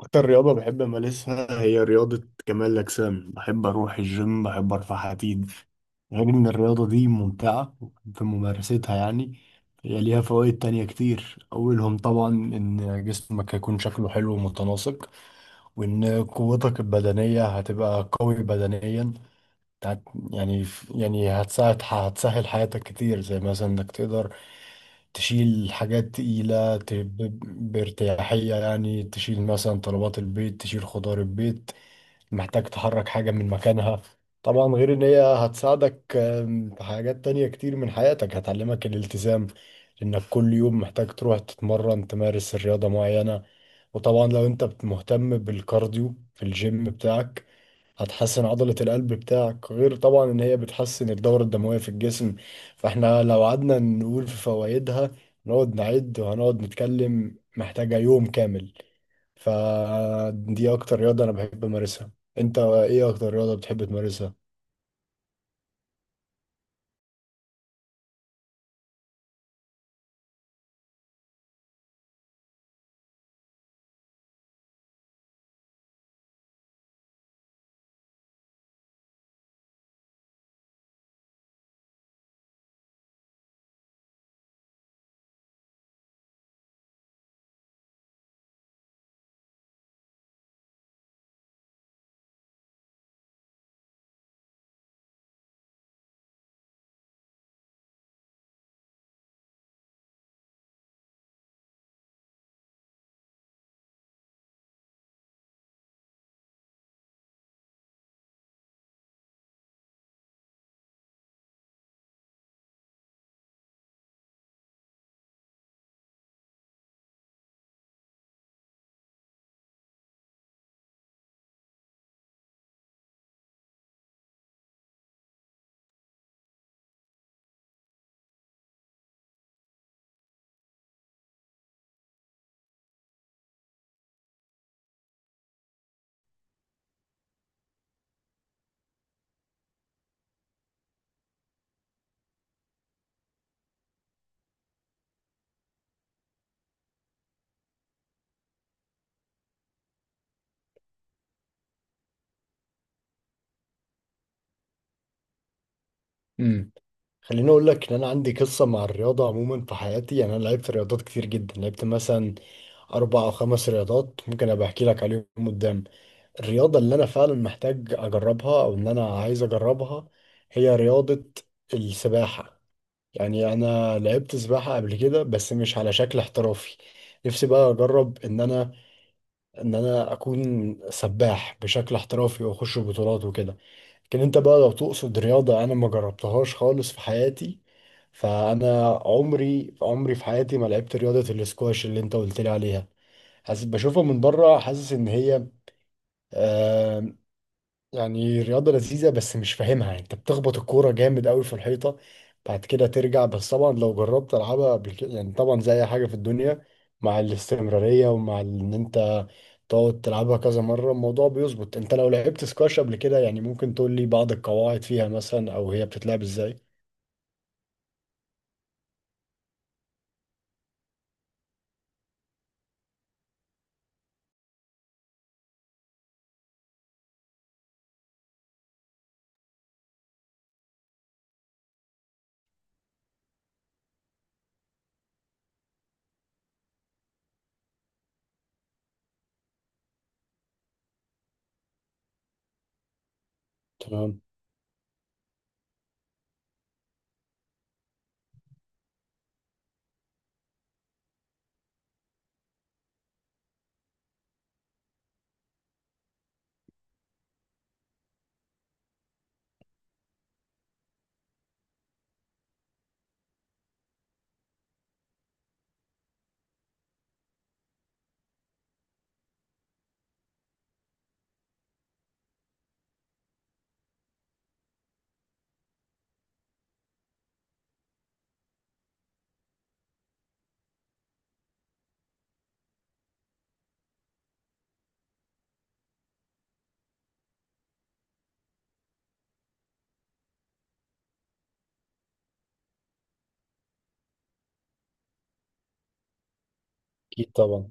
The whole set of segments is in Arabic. أكتر رياضة بحب أمارسها هي رياضة كمال الأجسام. بحب أروح الجيم، بحب أرفع حديد. غير إن الرياضة دي ممتعة في ممارستها. يعني هي ليها فوائد تانية كتير، أولهم طبعا إن جسمك هيكون شكله حلو ومتناسق، وإن قوتك البدنية هتبقى قوي بدنيا. هت يعني يعني هتساعد هتسهل حياتك كتير، زي مثلا انك تقدر تشيل حاجات تقيلة بارتياحية. يعني تشيل مثلا طلبات البيت، تشيل خضار البيت، محتاج تحرك حاجة من مكانها. طبعا غير ان هي هتساعدك في حاجات تانية كتير من حياتك. هتعلمك الالتزام، انك كل يوم محتاج تروح تتمرن تمارس رياضة معينة. وطبعا لو انت مهتم بالكارديو في الجيم بتاعك هتحسن عضلة القلب بتاعك، غير طبعا ان هي بتحسن الدورة الدموية في الجسم. فاحنا لو قعدنا نقول في فوائدها نقعد نعد، وهنقعد نتكلم محتاجة يوم كامل. فدي اكتر رياضة انا بحب امارسها. انت ايه اكتر رياضة بتحب تمارسها؟ امم خليني اقول لك ان انا عندي قصة مع الرياضة عموما في حياتي. يعني انا لعبت رياضات كتير جدا، لعبت مثلا اربع او خمس رياضات، ممكن ابقى احكي لك عليهم قدام. الرياضة اللي أنا فعلا محتاج أجربها أو إن أنا عايز أجربها هي رياضة السباحة. يعني أنا لعبت سباحة قبل كده بس مش على شكل احترافي. نفسي بقى أجرب إن أنا أكون سباح بشكل احترافي وأخش بطولات وكده. لكن أنت بقى لو تقصد رياضة أنا ما جربتهاش خالص في حياتي، فأنا عمري في حياتي ما لعبت رياضة الاسكواش اللي أنت قلت لي عليها. حاسس بشوفها من بره، حاسس إن هي آه، يعني رياضة لذيذة بس مش فاهمها. انت بتخبط الكورة جامد قوي في الحيطة بعد كده ترجع. بس طبعا لو جربت العبها قبل كده، يعني طبعا زي اي حاجة في الدنيا مع الاستمرارية ومع ان انت تقعد تلعبها كذا مرة الموضوع بيظبط. انت لو لعبت سكواش قبل كده يعني ممكن تقول لي بعض القواعد فيها مثلا، او هي بتتلعب ازاي؟ تمام. اكيد طبعا.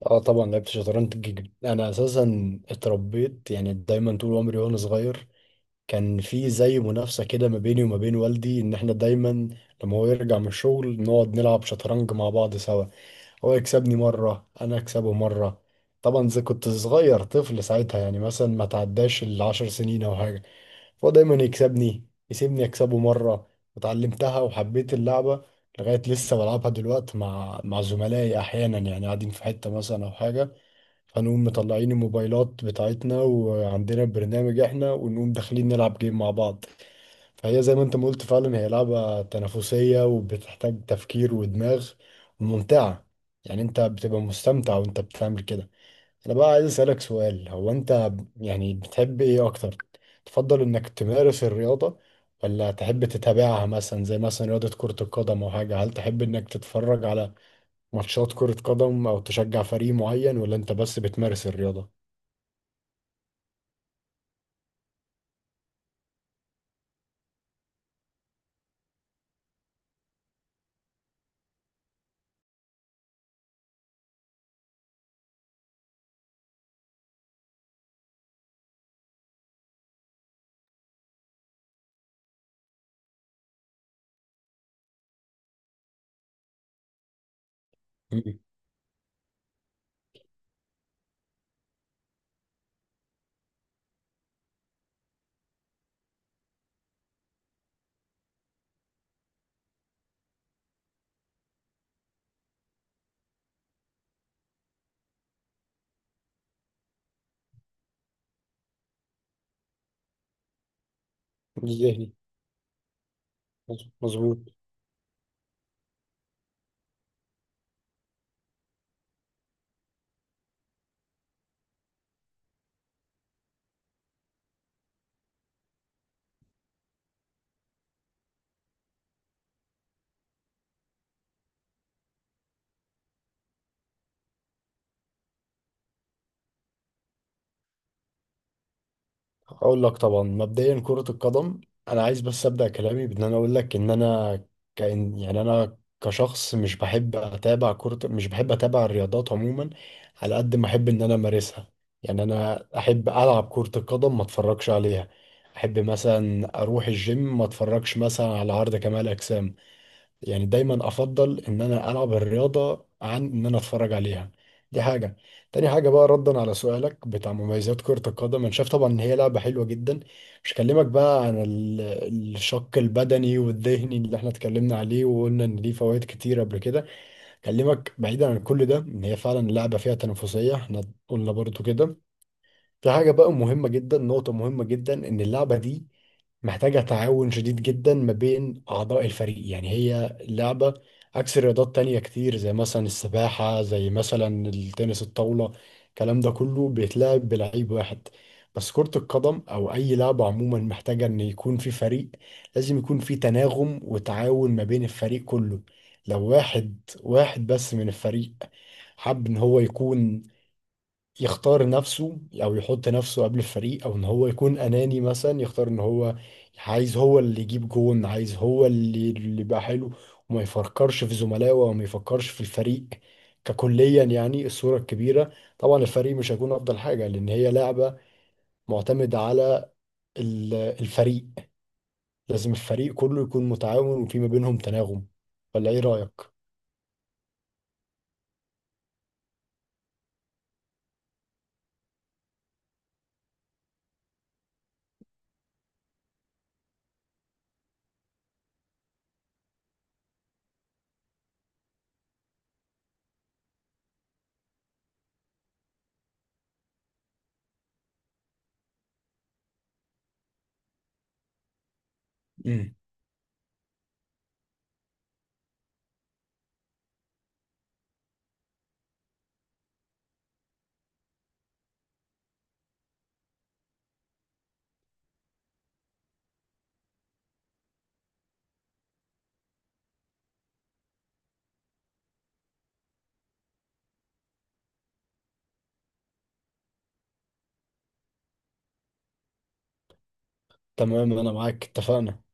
اه طبعا لعبت شطرنج جدا. انا اساسا اتربيت، يعني دايما طول عمري وانا صغير كان في زي منافسة كده ما بيني وما بين والدي. إن إحنا دايما لما هو يرجع من الشغل نقعد نلعب شطرنج مع بعض سوا، هو يكسبني مرة أنا أكسبه مرة. طبعا زي كنت صغير طفل ساعتها يعني مثلا ما تعداش العشر سنين أو حاجة، فهو دايما يكسبني يسيبني أكسبه مرة. وتعلمتها وحبيت اللعبة لغاية لسه بلعبها دلوقتي مع زملائي أحيانا. يعني قاعدين في حتة مثلا أو حاجة، هنقوم مطلعين الموبايلات بتاعتنا وعندنا برنامج احنا، ونقوم داخلين نلعب جيم مع بعض. فهي زي ما انت ما قلت فعلا هي لعبة تنافسية وبتحتاج تفكير ودماغ وممتعة. يعني انت بتبقى مستمتع وانت بتعمل كده. انا بقى عايز اسألك سؤال، هو انت يعني بتحب ايه اكتر؟ تفضل انك تمارس الرياضة ولا تحب تتابعها، مثلا زي مثلا رياضة كرة القدم او حاجة؟ هل تحب انك تتفرج على ماتشات كرة قدم او تشجع فريق معين، ولا انت بس بتمارس الرياضة؟ مم. ذهني. مظبوط. اقول لك طبعا مبدئيا كرة القدم، انا عايز بس ابدا كلامي بان انا اقول لك ان انا كان، يعني انا كشخص مش بحب اتابع كرة، مش بحب اتابع الرياضات عموما على قد ما احب ان انا امارسها. يعني انا احب العب كرة القدم ما اتفرجش عليها، احب مثلا اروح الجيم ما اتفرجش مثلا على عرض كمال اجسام. يعني دايما افضل ان انا العب الرياضه عن ان انا اتفرج عليها. دي حاجه. تاني حاجه بقى ردا على سؤالك بتاع مميزات كره القدم، انا شايف طبعا ان هي لعبه حلوه جدا. مش هكلمك بقى عن الشق البدني والذهني اللي احنا اتكلمنا عليه وقلنا ان ليه فوائد كتير قبل كده. اكلمك بعيدا عن كل ده، ان هي فعلا لعبه فيها تنافسيه، احنا قلنا برضو كده. في حاجه بقى مهمه جدا، نقطه مهمه جدا، ان اللعبه دي محتاجة تعاون شديد جدا ما بين أعضاء الفريق. يعني هي لعبة عكس رياضات تانية كتير، زي مثلا السباحة، زي مثلا التنس الطاولة، الكلام ده كله بيتلعب بلعيب واحد. بس كرة القدم أو أي لعبة عموما محتاجة إن يكون في فريق. لازم يكون في تناغم وتعاون ما بين الفريق كله. لو واحد واحد بس من الفريق حب إن هو يكون يختار نفسه، او يحط نفسه قبل الفريق، او ان هو يكون اناني مثلا، يختار ان هو عايز هو اللي يجيب جون، عايز هو اللي يبقى حلو، وما يفكرش في زملائه وما يفكرش في الفريق ككليا، يعني الصورة الكبيرة. طبعا الفريق مش هيكون افضل حاجة، لان هي لعبة معتمدة على الفريق. لازم الفريق كله يكون متعاون وفي ما بينهم تناغم. ولا ايه رأيك؟ مم. تمام انا معاك اتفقنا.